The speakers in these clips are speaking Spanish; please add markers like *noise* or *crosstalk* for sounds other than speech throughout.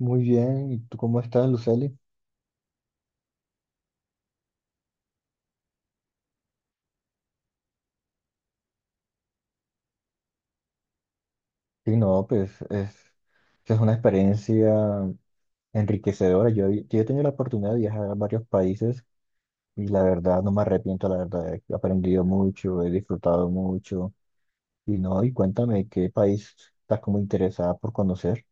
Muy bien, ¿y tú cómo estás, Lucely? Sí, no, pues es una experiencia enriquecedora. Yo he tenido la oportunidad de viajar a varios países, y la verdad no me arrepiento, la verdad he aprendido mucho, he disfrutado mucho. Y no, y cuéntame qué país estás como interesada por conocer.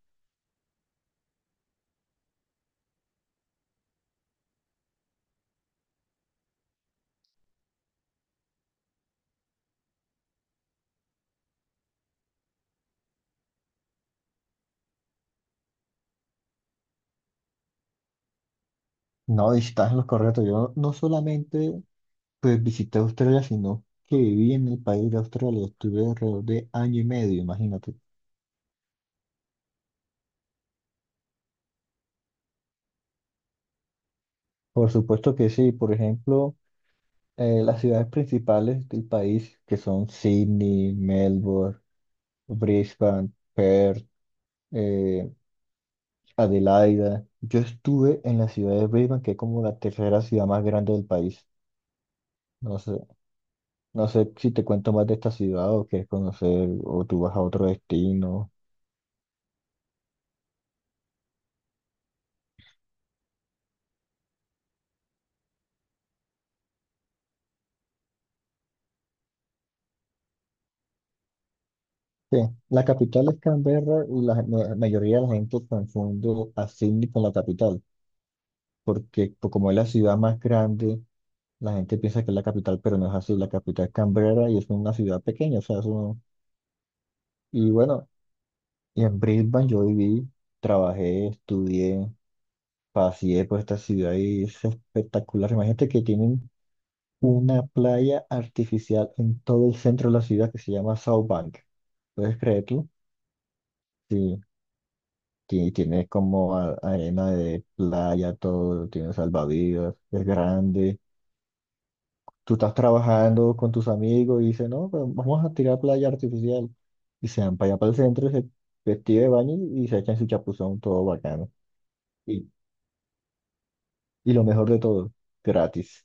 No, estás en lo correcto. Yo no solamente pues visité Australia, sino que viví en el país de Australia. Estuve alrededor de año y medio, imagínate. Por supuesto que sí. Por ejemplo, las ciudades principales del país, que son Sydney, Melbourne, Brisbane, Perth, eh, Adelaida. Yo estuve en la ciudad de Brisbane, que es como la tercera ciudad más grande del país. No sé, no sé si te cuento más de esta ciudad o quieres conocer o tú vas a otro destino. Sí, la capital es Canberra, y la mayoría de la gente confunde a Sydney con la capital, porque pues, como es la ciudad más grande, la gente piensa que es la capital, pero no es así. La capital es Canberra y es una ciudad pequeña, o sea, eso no. Y bueno, y en Brisbane yo viví, trabajé, estudié, paseé por esta ciudad y es espectacular. Imagínate que tienen una playa artificial en todo el centro de la ciudad, que se llama South Bank. ¿Puedes creerlo? Sí, tiene como arena de playa, todo, tiene salvavidas, es grande. Tú estás trabajando con tus amigos y dices, no, pero vamos a tirar playa artificial. Y se van para allá para el centro, se vestido de baño y se echan su chapuzón todo bacano. Y, y lo mejor de todo, gratis,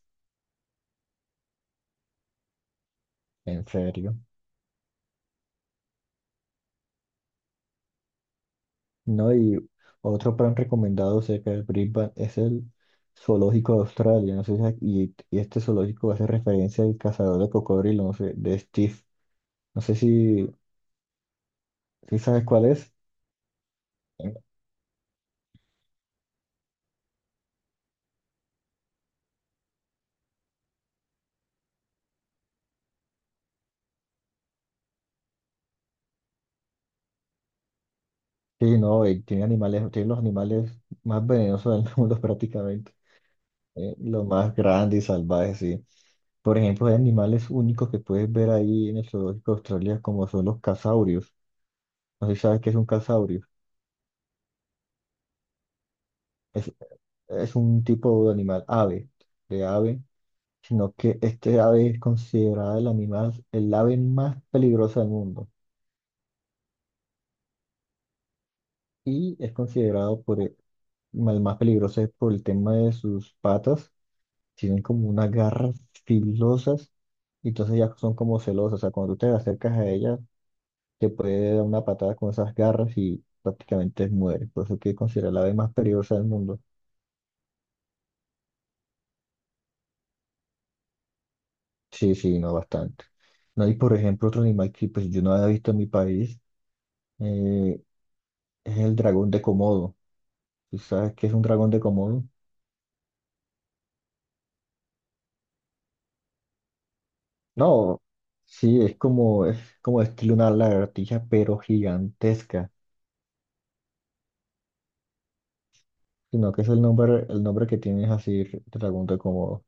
en serio. No, y otro plan recomendado cerca del Brisbane es el Zoológico de Australia, no sé si, y este zoológico hace referencia al cazador de cocodrilo, no sé, de Steve. No sé si sabes cuál es. Sí, no, tiene animales, tiene los animales más venenosos del mundo *laughs* prácticamente. Los más grandes y salvajes, sí. Por ejemplo, hay animales únicos que puedes ver ahí en el zoológico de Australia, como son los casaurios. No sé si sabes qué es un casaurio. Es, es un tipo de animal, ave, de ave, sino que este ave es considerada el animal, el ave más peligrosa del mundo. Y es considerado por el más peligroso es por el tema de sus patas. Tienen como unas garras filosas, y entonces ya son como celosas. O sea, cuando tú te acercas a ellas, que puede dar una patada con esas garras y prácticamente muere. Por eso que considera la ave más peligrosa del mundo. Sí, sí, no bastante. No, y por ejemplo, otro animal que pues yo no había visto en mi país eh, es el dragón de Komodo. ¿Tú sabes qué es un dragón de Komodo? No, sí, es como estilo una lagartija, pero gigantesca. Sino que es el nombre que tiene es así, dragón de Komodo.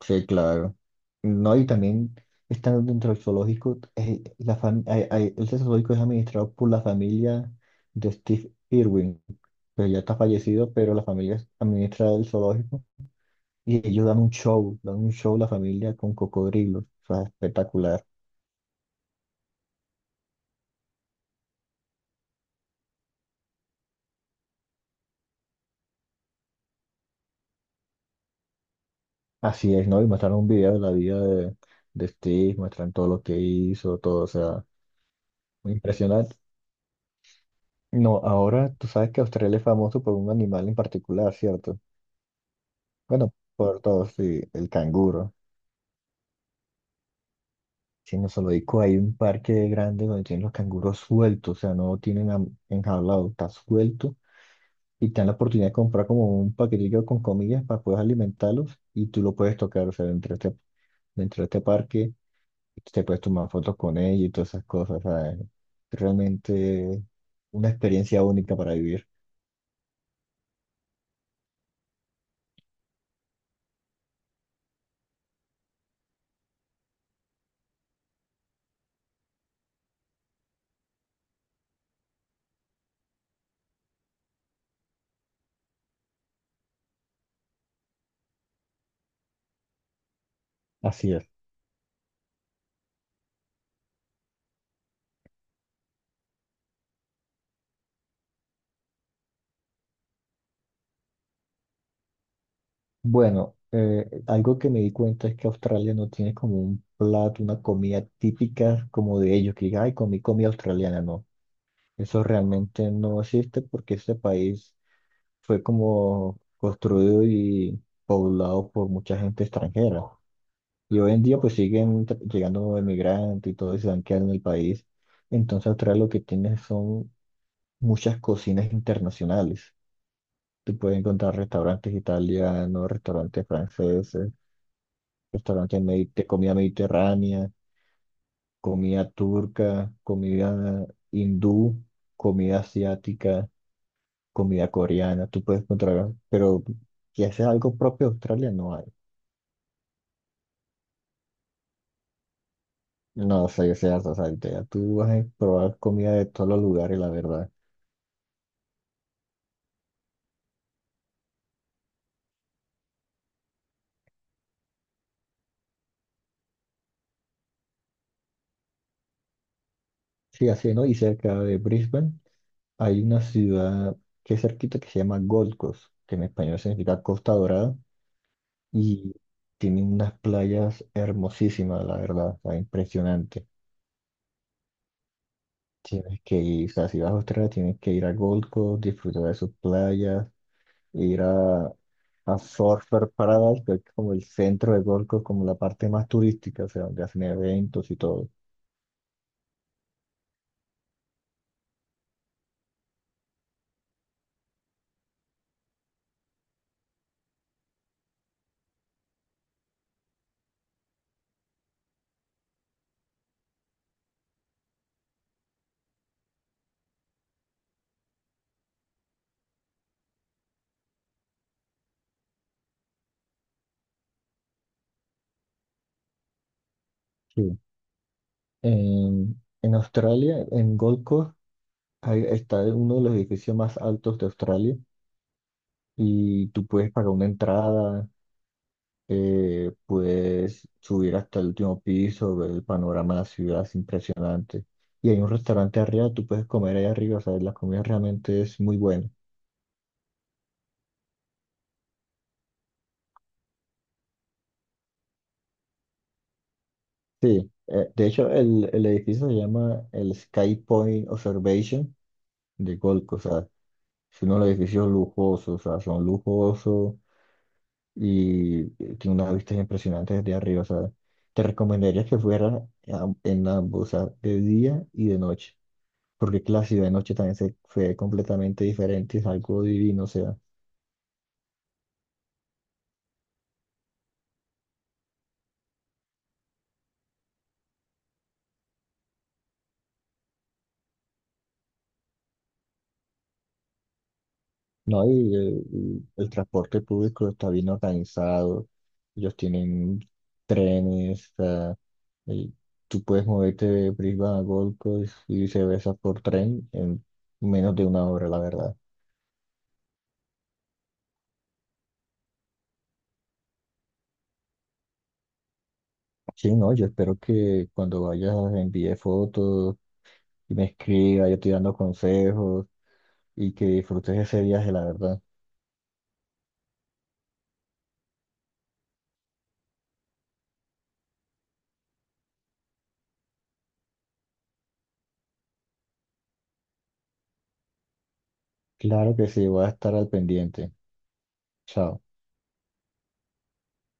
Sí, claro. No, y también están dentro del zoológico, la fam- hay- hay- el zoológico es administrado por la familia de Steve Irwin, que ya está fallecido, pero la familia administra el zoológico y ellos dan un show la familia con cocodrilos, o sea, espectacular. Así es, ¿no? Y muestran un video de la vida de Steve, muestran todo lo que hizo, todo, o sea, muy impresionante. No, ahora tú sabes que Australia es famoso por un animal en particular, ¿cierto? Bueno, por todos, sí, el canguro. Sí, en zoológico hay un parque grande donde tienen los canguros sueltos, o sea, no lo tienen enjaulado, está suelto, y te dan la oportunidad de comprar como un paquetillo con comillas para poder alimentarlos y tú lo puedes tocar, o sea, dentro de este parque te puedes tomar fotos con ellos y todas esas cosas, o sea, es realmente una experiencia única para vivir. Así es. Bueno, algo que me di cuenta es que Australia no tiene como un plato, una comida típica como de ellos, que diga, ay, comí comida australiana, no. Eso realmente no existe porque este país fue como construido y poblado por mucha gente extranjera. Y hoy en día pues siguen llegando emigrantes y todo y se van quedando en el país. Entonces Australia lo que tiene son muchas cocinas internacionales. Tú puedes encontrar restaurantes italianos, restaurantes franceses, restaurantes de comida mediterránea, comida turca, comida hindú, comida asiática, comida coreana, tú puedes encontrar, pero que haces algo propio de Australia no hay. No, o sea, yo sé, o sea, ya tú vas a probar comida de todos los lugares, la verdad. Sí, así, ¿no? Y cerca de Brisbane hay una ciudad que es cerquita, que se llama Gold Coast, que en español significa Costa Dorada, y tiene unas playas hermosísimas, la verdad, o sea, impresionante. Tienes que ir, o sea, si vas a Australia, tienes que ir a Gold Coast, disfrutar de sus playas, ir a Surfer Paradise, que es como el centro de Gold Coast, como la parte más turística, o sea, donde hacen eventos y todo. Sí. En Australia, en Gold Coast, ahí está uno de los edificios más altos de Australia, y tú puedes pagar una entrada, puedes subir hasta el último piso, ver el panorama de la ciudad, es impresionante. Y hay un restaurante arriba, tú puedes comer ahí arriba, o sea, la comida realmente es muy buena. Sí, de hecho el edificio se llama el Sky Point Observation de Gold Coast. O sea, es uno de los edificios lujosos, o sea, son lujosos, y tiene unas vistas impresionantes desde arriba. O sea, te recomendaría que fueras en ambos, o sea, de día y de noche, porque es que la ciudad de noche también se ve completamente diferente, es algo divino, o sea, no, y el transporte público está bien organizado, ellos tienen trenes, y tú puedes moverte de Brisbane a Gold Coast y viceversa por tren en menos de una hora, la verdad. Sí, no, yo espero que cuando vayas envíe fotos y me escriba, yo te dando consejos, y que disfrutes ese viaje, la verdad. Claro que sí, voy a estar al pendiente. Chao.